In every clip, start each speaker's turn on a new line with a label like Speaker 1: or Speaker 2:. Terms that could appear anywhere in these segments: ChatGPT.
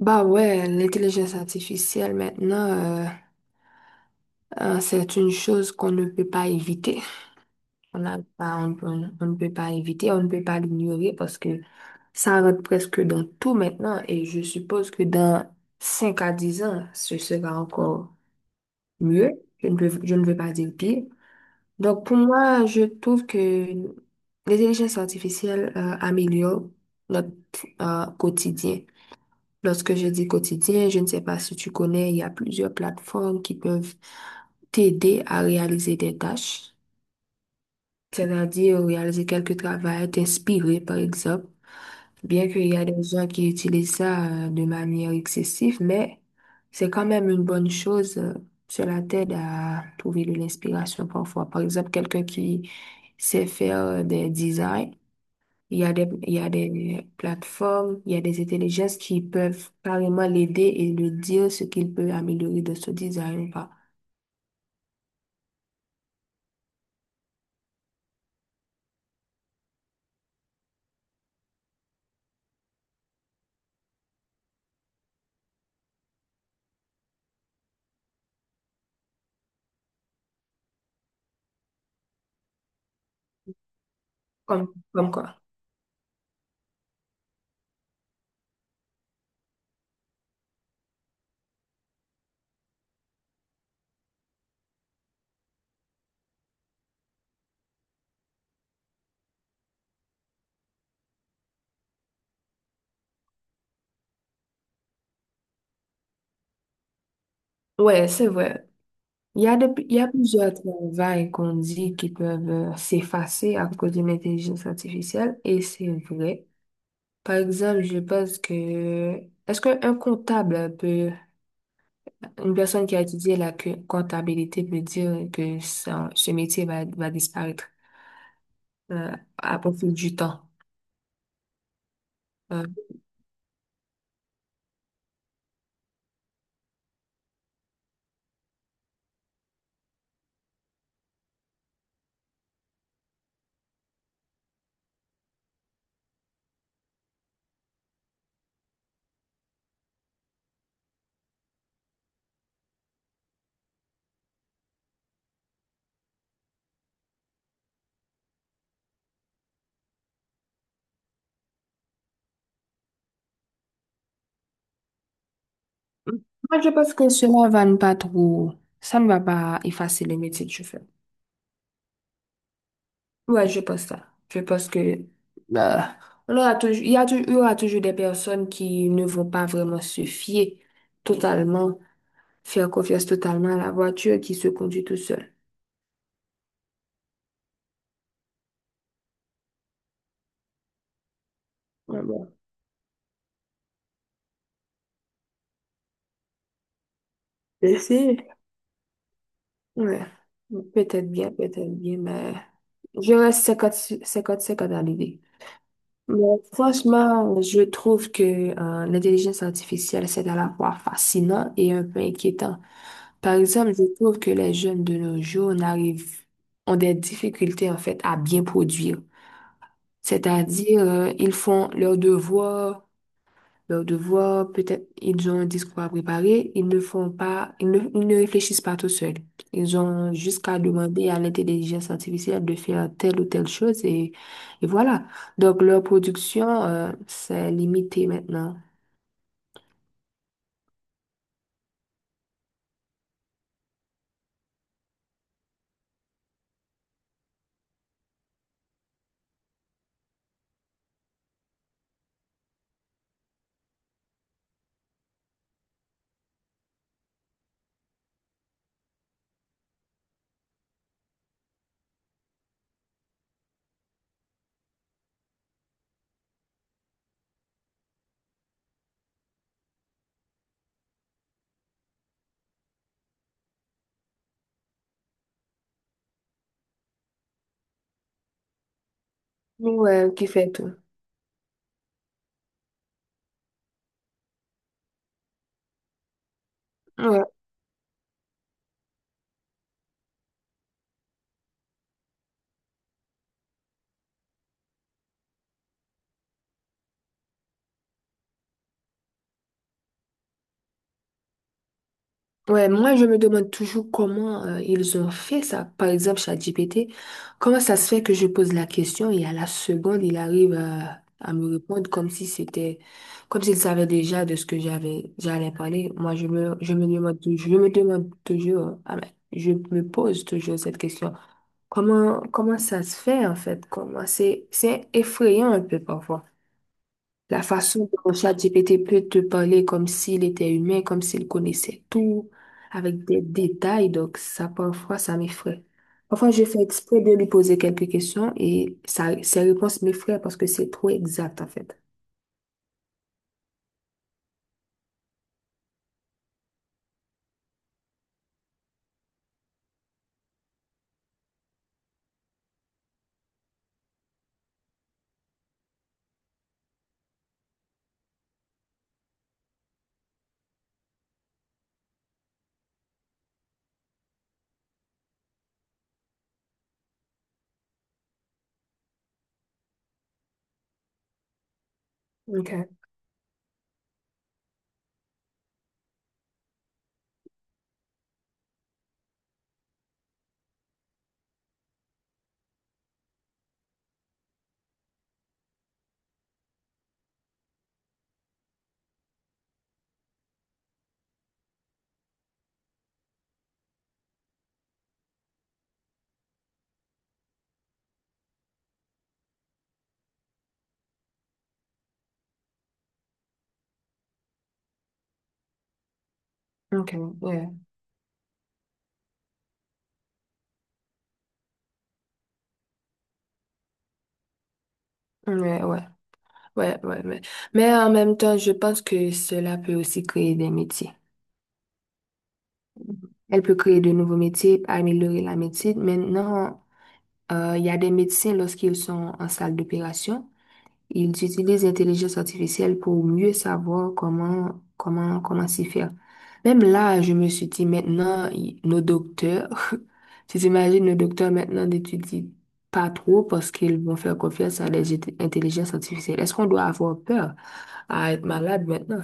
Speaker 1: Bah ouais, l'intelligence artificielle maintenant, c'est une chose qu'on ne peut pas éviter. On ne peut pas éviter, on ne peut pas l'ignorer parce que ça rentre presque dans tout maintenant, et je suppose que dans 5 à 10 ans, ce sera encore mieux. Je ne veux pas dire pire. Donc pour moi, je trouve que l'intelligence artificielle, améliore notre, quotidien. Lorsque je dis quotidien, je ne sais pas si tu connais, il y a plusieurs plateformes qui peuvent t'aider à réaliser des tâches, c'est-à-dire réaliser quelques travaux, t'inspirer par exemple. Bien qu'il y a des gens qui utilisent ça de manière excessive, mais c'est quand même une bonne chose. Cela t'aide à trouver de l'inspiration parfois. Par exemple, quelqu'un qui sait faire des designs. Il y a des plateformes, il y a des intelligences qui peuvent carrément l'aider et lui dire ce qu'il peut améliorer de ce design ou pas. Comme quoi. Ouais, c'est vrai. Il y a plusieurs travails qu'on dit qui peuvent s'effacer à cause d'une intelligence artificielle, et c'est vrai. Par exemple, je pense que est-ce qu'un comptable peut, une personne qui a étudié la comptabilité peut dire que ce métier va, va disparaître euh, à profit du temps? euh, Moi, je pense que cela va ne pas trop, ça ne va pas effacer le métier que je fais. Ouais, je pense ça. Je pense que euh, on aura toujours, il y a toujours, il y aura toujours des personnes qui ne vont pas vraiment se fier totalement, faire confiance totalement à la voiture qui se conduit tout seul. Ouais, bon. Et ouais. Peut-être bien, mais je reste 50-50 à l'idée. Mais franchement, je trouve que l'intelligence artificielle, c'est à la fois fascinant et un peu inquiétant. Par exemple, je trouve que les jeunes de nos jours n'arrivent, ont des difficultés en fait à bien produire. C'est-à-dire, ils font leurs devoirs, peut-être ils ont un discours à préparer, ils ne font pas, ils ne réfléchissent pas tout seuls. Ils ont jusqu'à demander à l'intelligence artificielle de faire telle ou telle chose, et voilà. Donc leur production, c'est limité maintenant. Ouais, qui fait tout. Ouais. Ouais, moi je me demande toujours comment ils ont fait ça. Par exemple, ChatGPT, comment ça se fait que je pose la question et à la seconde, il arrive à me répondre comme si c'était, comme s'il savait déjà de ce que j'avais, j'allais parler. Moi, je me demande, je me demande toujours, ah ben, je me pose toujours cette question. Comment ça se fait en fait? Comment, c'est effrayant un peu parfois. La façon dont ChatGPT peut te parler comme s'il était humain, comme s'il connaissait tout, avec des détails, donc ça, parfois, ça m'effraie. Parfois, je fais exprès de lui poser quelques questions et ça, ses réponses m'effraient parce que c'est trop exact, en fait. Ok, ok, ouais, ouais, ouais, ouais, ouais, mais en même temps, je pense que cela peut aussi créer des métiers. Elle peut créer de nouveaux métiers, améliorer la médecine. Maintenant, il y a des médecins, lorsqu'ils sont en salle d'opération, ils utilisent l'intelligence artificielle pour mieux savoir comment, comment s'y faire. Même là, je me suis dit, maintenant, nos docteurs, tu t'imagines nos docteurs maintenant n'étudient pas trop parce qu'ils vont faire confiance à des intelligences artificielles. Est-ce qu'on doit avoir peur à être malade maintenant?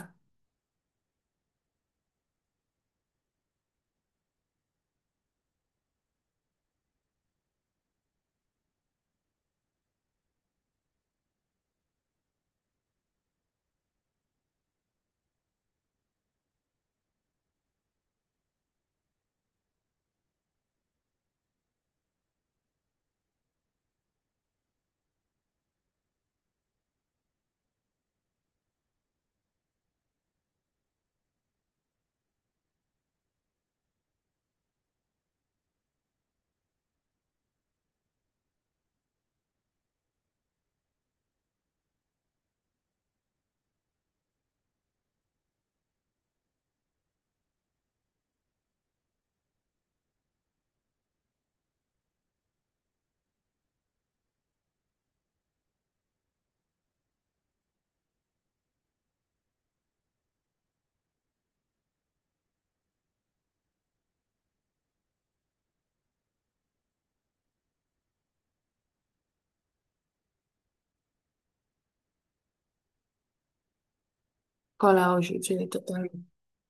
Speaker 1: Quand là, aujourd'hui, on est totalement...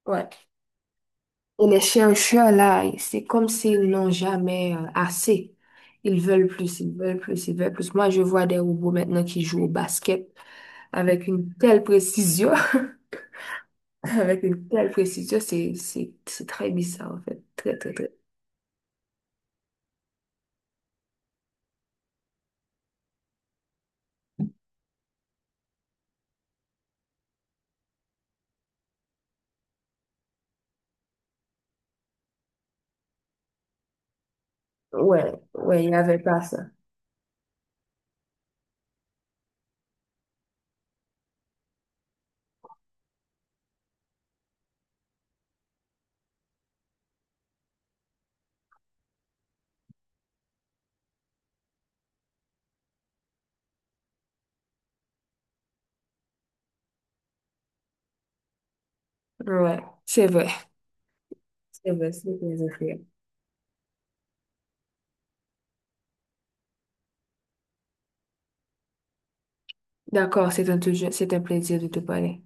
Speaker 1: Ouais. Et les chercheurs, là, c'est comme s'ils n'ont jamais assez. Ils veulent plus, ils veulent plus, ils veulent plus. Moi, je vois des robots maintenant qui jouent au basket avec une telle précision. Avec une telle précision, c'est très bizarre, en fait. Très, très, très. Ouais, ouais, il n'y avait pas ça. Ouais, c'est vrai. C'est vrai, c'est très vrai. D'accord, c'est un, c'est un plaisir de te parler.